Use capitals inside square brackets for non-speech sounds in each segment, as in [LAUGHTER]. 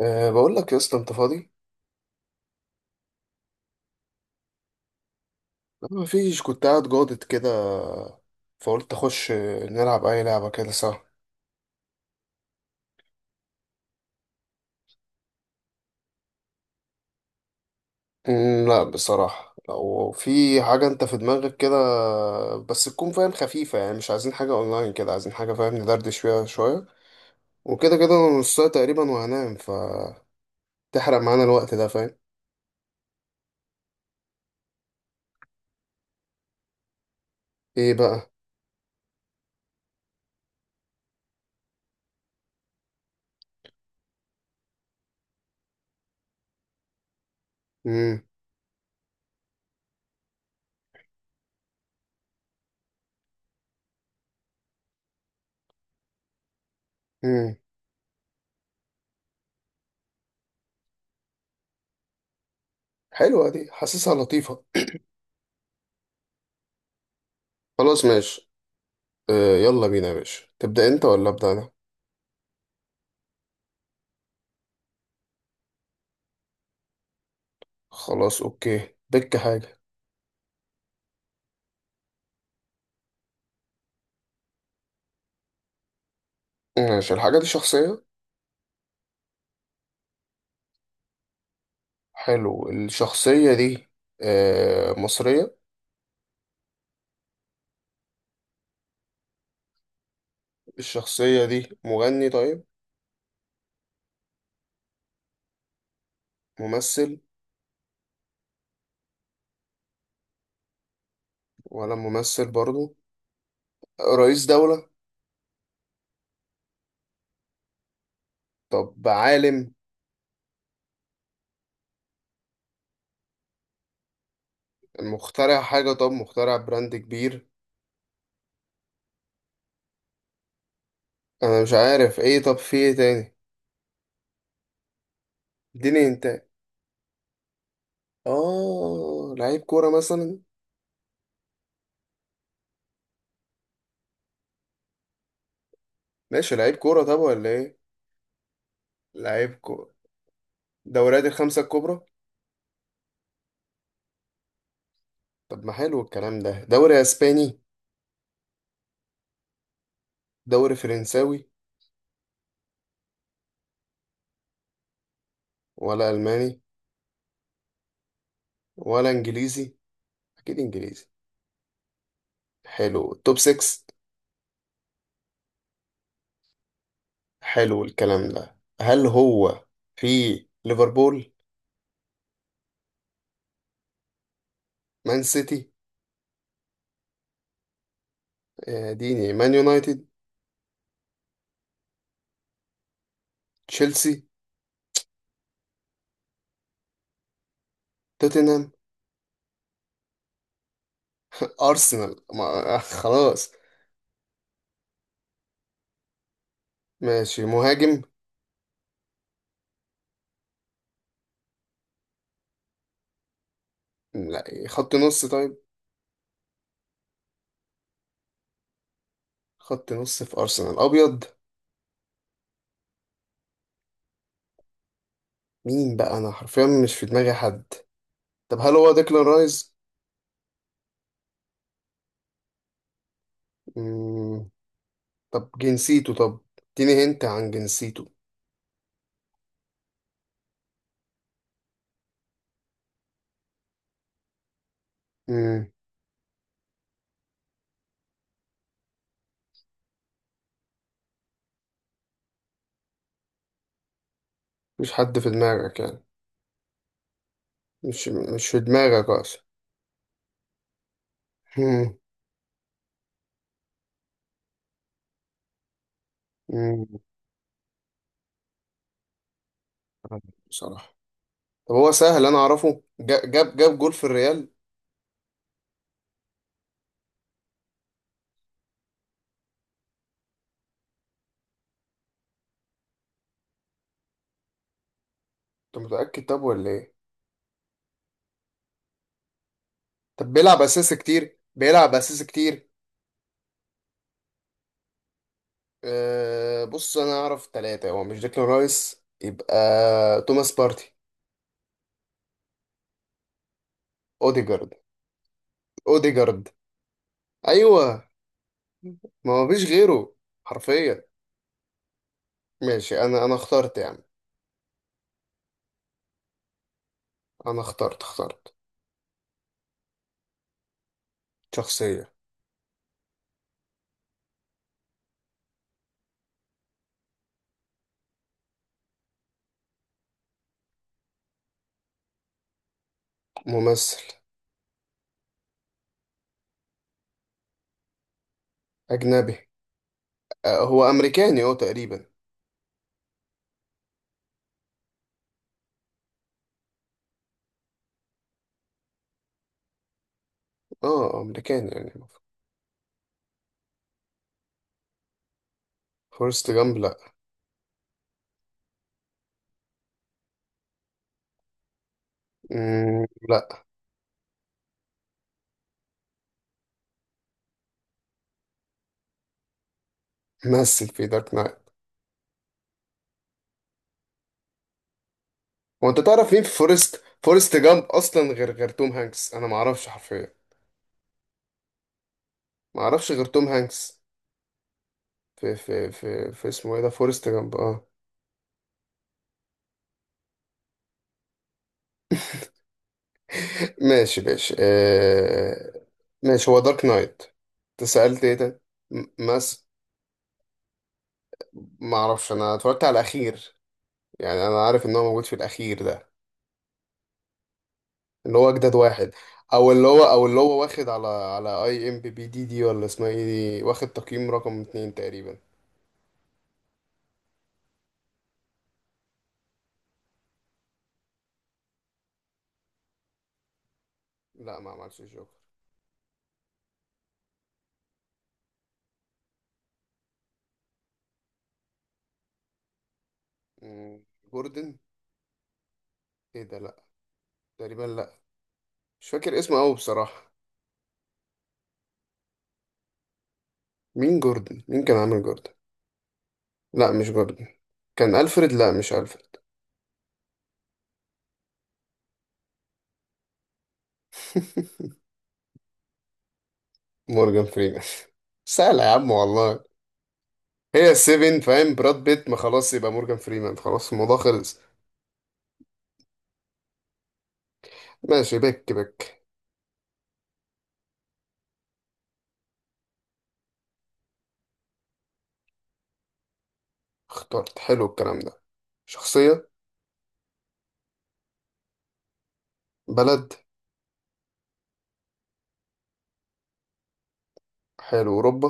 بقول لك يا اسطى انت فاضي؟ ما فيش، كنت قاعد جادت كده، فقلت اخش نلعب اي لعبه كده سوا. لا بصراحه، لو في حاجه انت في دماغك كده بس تكون فاهم خفيفه، يعني مش عايزين حاجه اونلاين كده، عايزين حاجه فاهم ندردش فيها شويه، وكده كده انا نص ساعه تقريبا وهنام، ف تحرق معانا الوقت ده فاهم. ايه بقى؟ امم امم حلوه دي، حاسسها لطيفه. خلاص ماشي. يلا بينا يا باشا، تبدا انت ولا ابدا انا؟ خلاص اوكي، بك حاجه. ماشي، الحاجة دي شخصية. حلو. الشخصية دي مصرية؟ الشخصية دي مغني؟ طيب ممثل؟ ولا ممثل برضو. رئيس دولة؟ طب عالم؟ مخترع حاجة؟ طب مخترع براند كبير؟ أنا مش عارف إيه، طب في إيه تاني؟ اديني انت. آه، لعيب كورة مثلا. ماشي لعيب كورة، طب ولا إيه؟ لعيب كورة دوريات الخمسة الكبرى. طب ما حلو الكلام ده. دوري أسباني؟ دوري فرنساوي؟ ولا ألماني؟ ولا انجليزي؟ اكيد انجليزي. حلو، توب 6. حلو الكلام ده. هل هو في ليفربول؟ مان سيتي؟ ديني مان يونايتد؟ تشيلسي؟ توتنهام؟ ارسنال، ما خلاص. ماشي مهاجم؟ لا خط نص طيب. خط نص في ارسنال ابيض. مين بقى؟ انا حرفيا مش في دماغي حد. طب هل هو ديكلان رايز؟ مم. طب جنسيته؟ طب اديني هنت عن جنسيته. مم. مفيش حد في دماغك يعني؟ مش في دماغك اصلا. مم. مم. بصراحة، طب هو سهل، انا اعرفه. جاب، جول في الريال؟ انت متأكد طب ولا ايه؟ طب بيلعب اساسي كتير؟ بيلعب اساسي كتير. أه بص، انا اعرف ثلاثة. هو مش ديكلان رايس، يبقى توماس بارتي. اوديجارد. اوديجارد. ايوه. ما هو فيش غيره حرفيا. ماشي انا اخترت يا عم. انا اخترت. اخترت شخصية. ممثل اجنبي. أه هو امريكاني هو تقريبا. اه امريكاني يعني. فورست جامب لا. لا. مثل في دارك نايت. هو انت تعرف مين في فورست جامب اصلا غير توم هانكس؟ انا ما اعرفش حرفيا. ما اعرفش غير توم هانكس. في اسمه ايه ده؟ فورست جامب اه. [LAUGHS] ماشي ماشي ماشي. هو دارك نايت. انت سألت ايه ده؟ مس. ما اعرفش، انا اتفرجت على الاخير، يعني انا عارف ان هو موجود في الاخير ده، اللي هو اجدد واحد. او اللي هو، او اللي هو واخد على اي ام بي بي دي دي ولا اسمها ايه. دي واخد تقييم رقم اتنين تقريبا. لا ما عملش جوكر. مم، جوردن. ايه ده لا. تقريبا لا. مش فاكر اسمه قوي بصراحة. مين جوردن؟ مين كان عامل جوردن؟ لا مش جوردن. كان الفريد، لا مش الفريد. [LAUGHS] مورجان فريمان. سهلة يا عم والله. هي السيفن فاهم، براد بيت. ما خلاص، يبقى مورجان فريمان، خلاص الموضوع خلص. ماشي، بك بك. اخترت. حلو الكلام ده. شخصية؟ بلد؟ حلو. أوروبا؟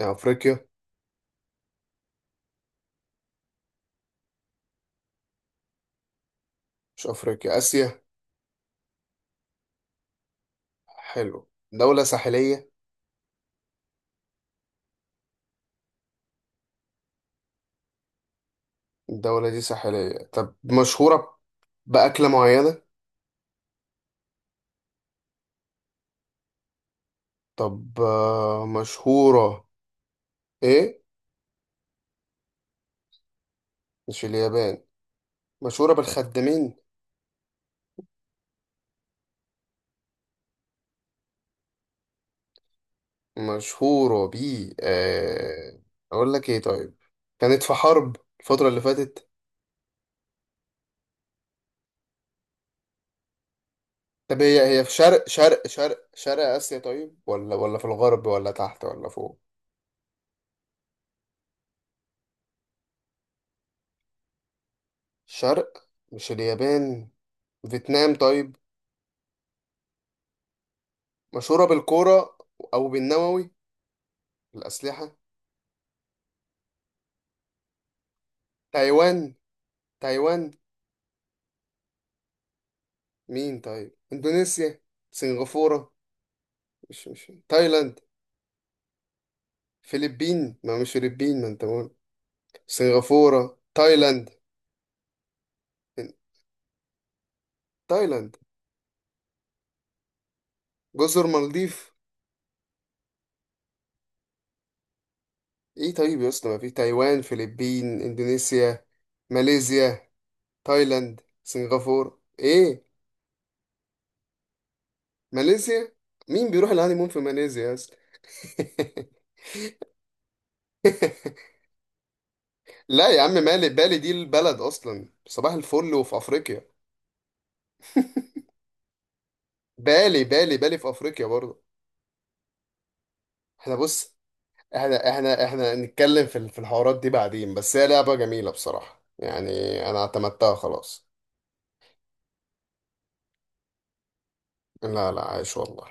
يعني أفريقيا؟ مش أفريقيا، آسيا. حلو. دولة ساحلية؟ الدولة دي ساحلية، طب مشهورة بأكلة معينة؟ طب مشهورة. إيه؟ مش اليابان. مشهورة بالخدامين؟ مشهورة ب آه، أقول لك إيه طيب. كانت في حرب الفترة اللي فاتت؟ طب هي في شرق شرق شرق شرق آسيا طيب؟ ولا ولا في الغرب ولا تحت ولا فوق؟ شرق مش اليابان. فيتنام طيب؟ مشهورة بالكورة؟ أو بالنووي، الأسلحة؟ تايوان. تايوان؟ مين طيب؟ إندونيسيا؟ سنغافورة؟ مش تايلاند؟ فلبين، ما مش فلبين ما أنت بقول. سنغافورة، تايلاند. تايلاند؟ جزر مالديف؟ إيه طيب يا أسطى؟ ما في تايوان، فلبين، إندونيسيا، ماليزيا، تايلاند، سنغافورة، إيه؟ ماليزيا؟ مين بيروح الهانيمون في ماليزيا يا أسطى؟ [LAUGHS] لا يا عم، مالي بالي دي، البلد اصلا صباح الفل وفي افريقيا. [LAUGHS] بالي بالي بالي في افريقيا برضه. احنا بص، احنا نتكلم في في الحوارات دي بعدين، بس هي لعبة جميلة بصراحة يعني. انا اعتمدتها خلاص. لا لا، عايش والله.